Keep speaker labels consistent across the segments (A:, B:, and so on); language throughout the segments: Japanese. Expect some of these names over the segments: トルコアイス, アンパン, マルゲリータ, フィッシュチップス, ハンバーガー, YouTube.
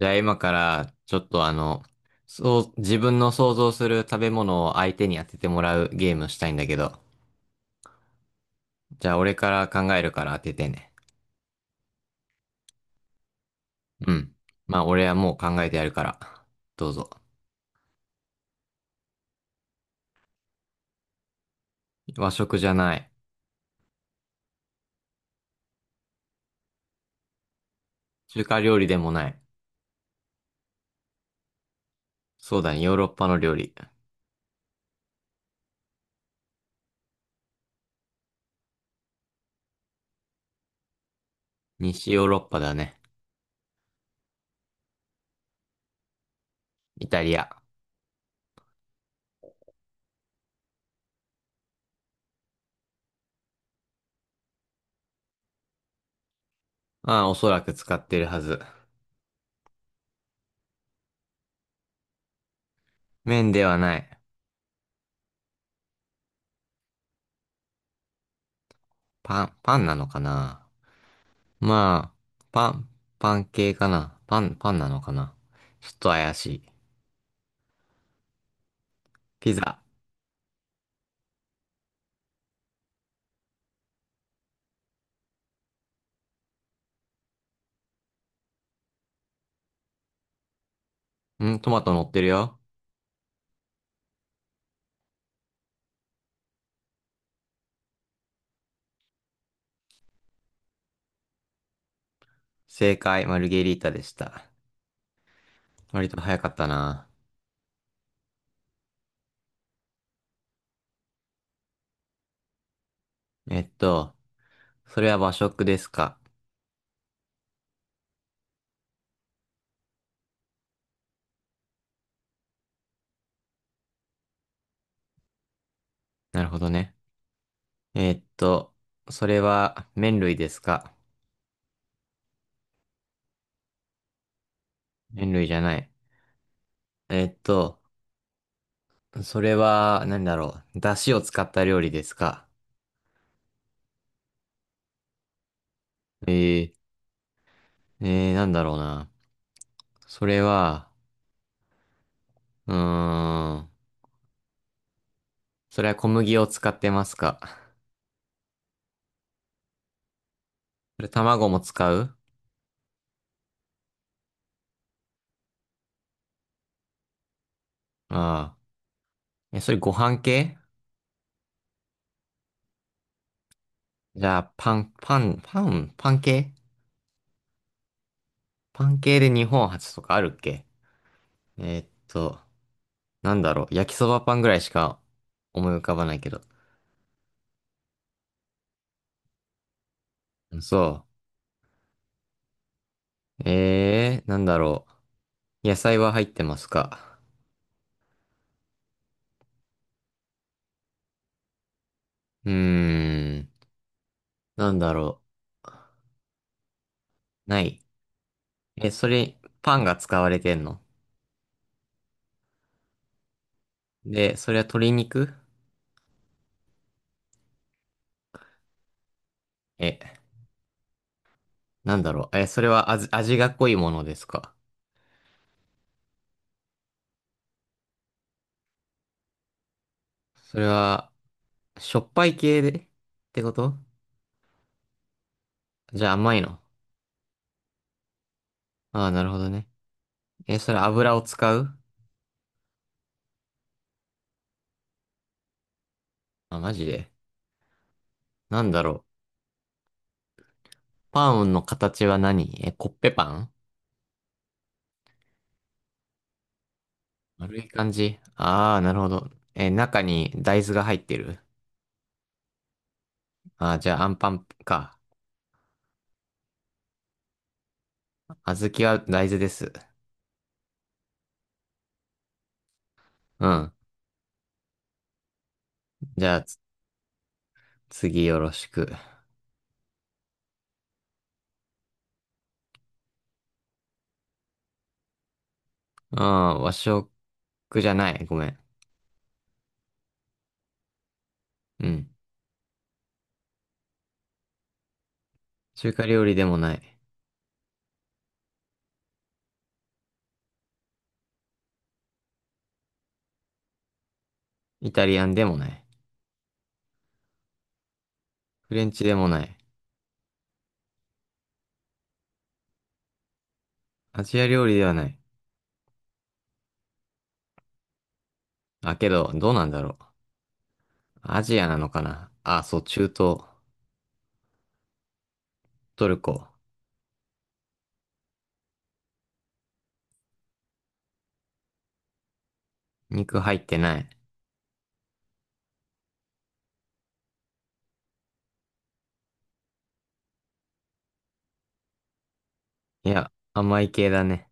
A: じゃあ今からちょっとそう、自分の想像する食べ物を相手に当ててもらうゲームしたいんだけど。じゃあ俺から考えるから当ててね。うん。まあ俺はもう考えてやるから。どうぞ。和食じゃない。中華料理でもない。そうだね、ヨーロッパの料理。西ヨーロッパだね。イタリア。まあおそらく使ってるはず。麺ではない。パンなのかな。まあ、パン、パン系かな。パンなのかな。ちょっと怪しい。ピザ。うん、トマト乗ってるよ。正解、マルゲリータでした。割と早かったな。えっと、それは和食ですか？なるほどね。えっと、それは麺類ですか？麺類じゃない。えっと、それは何だろう。出汁を使った料理ですか？えー、なんだろうな。それは、うーん、それは小麦を使ってますか？それ卵も使う？ああー。え、それご飯系？じゃあ、パン系？パン系で日本初とかあるっけ？えーっと、なんだろう。焼きそばパンぐらいしか思い浮かばないけど。そう。なんだろう。野菜は入ってますか？うーん、なんだろう。ない。え、それ、パンが使われてんの？で、それは鶏肉？え、なんだろう。え、それは味が濃いものですか？それは、しょっぱい系でってこと？じゃあ甘いの？ああー、なるほどね。え、それ油を使う？あ、マジで。なんだろう。パンの形は何？え、コッペパン？丸い感じ？ああー、なるほど。え、中に大豆が入ってる？ああー、じゃあアンパンか。小豆は大豆です。うん。じゃあ、次よろしく。うん、和食じゃない。ごめん。うん。中華料理でもない。イタリアンでもない。フレンチでもない。アジア料理ではない。あ、けど、どうなんだろう。アジアなのかなあ、そう、中東、トルコ。肉入ってない。いや、甘い系だね。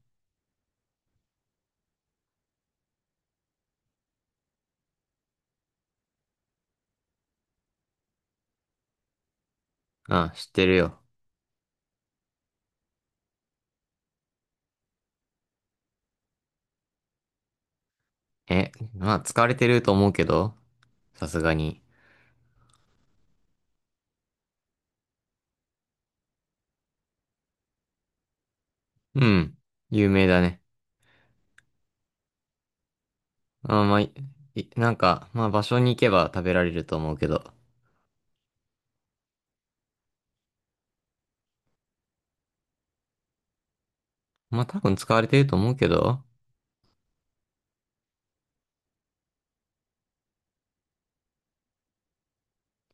A: あ、知ってるよ。え、まあ、使われてると思うけど、さすがに。うん、有名だね。あ、まあ、なんか、まあ、場所に行けば食べられると思うけど。まあ、多分使われてると思うけど。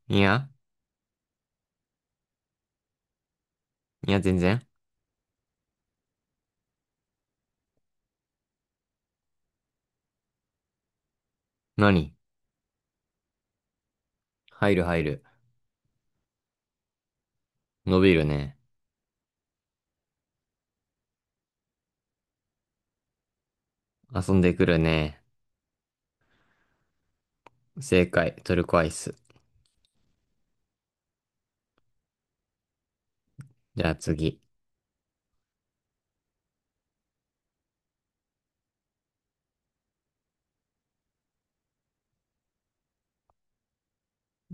A: いや、いや、全然。何？入る入る。伸びるね。遊んでくるね。正解、トルコアイス。じゃあ次。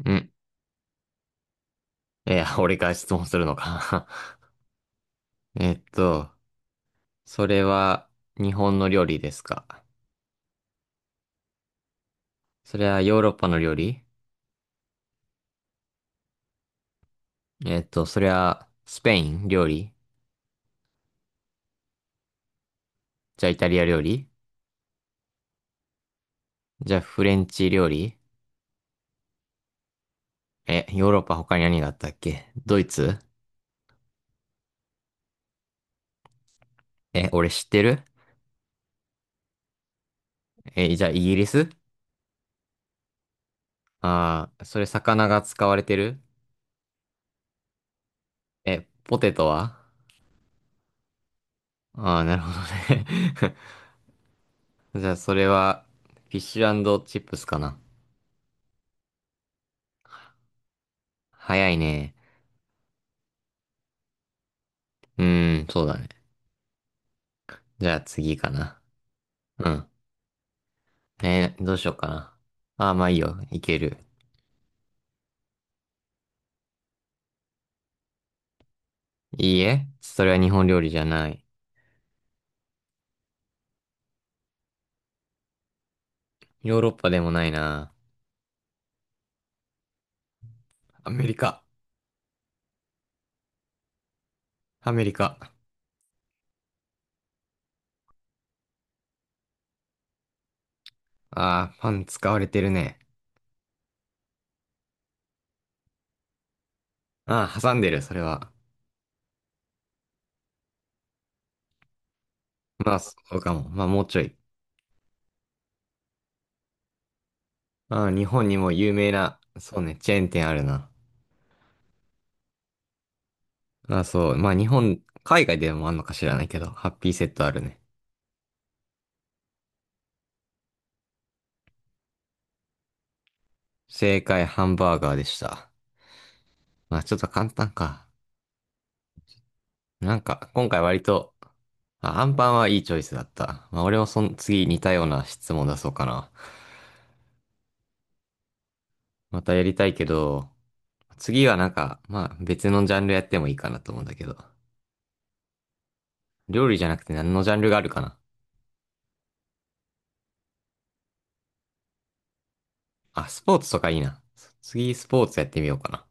A: うん。いや、俺が質問するのか。えっと、それは日本の料理ですか？それはヨーロッパの料理？それはスペイン料理？じゃあイタリア料理？じゃあフレンチ料理？え、ヨーロッパ他に何があったっけ？ドイツ？え、俺知ってる？え、じゃあイギリス？ああー、それ魚が使われてる？え、ポテトは？ああー、なるほどね。 じゃあそれはフィッシュチップスかな？早いね。うーん、そうだね。じゃあ次かな。うん。ねえーどうしようかな。ああ、まあいいよ。いける。いいえ。それは日本料理じゃない。ヨーロッパでもないな。アメリカ。アメリカ。ああ、パン使われてるね。ああ、挟んでる、それは。まあ、そうかも。まあ、もうちょい。ああ、日本にも有名な、そうね、チェーン店あるな。ああ、そう。まあ、日本、海外でもあんのか知らないけど、ハッピーセットあるね。正解、ハンバーガーでした。まあ、ちょっと簡単か。なんか、今回割と、あ、アンパンはいいチョイスだった。まあ、俺もその次似たような質問出そうかな。またやりたいけど、次はなんか、まあ別のジャンルやってもいいかなと思うんだけど。料理じゃなくて何のジャンルがあるかな。あ、スポーツとかいいな。次スポーツやってみようかな。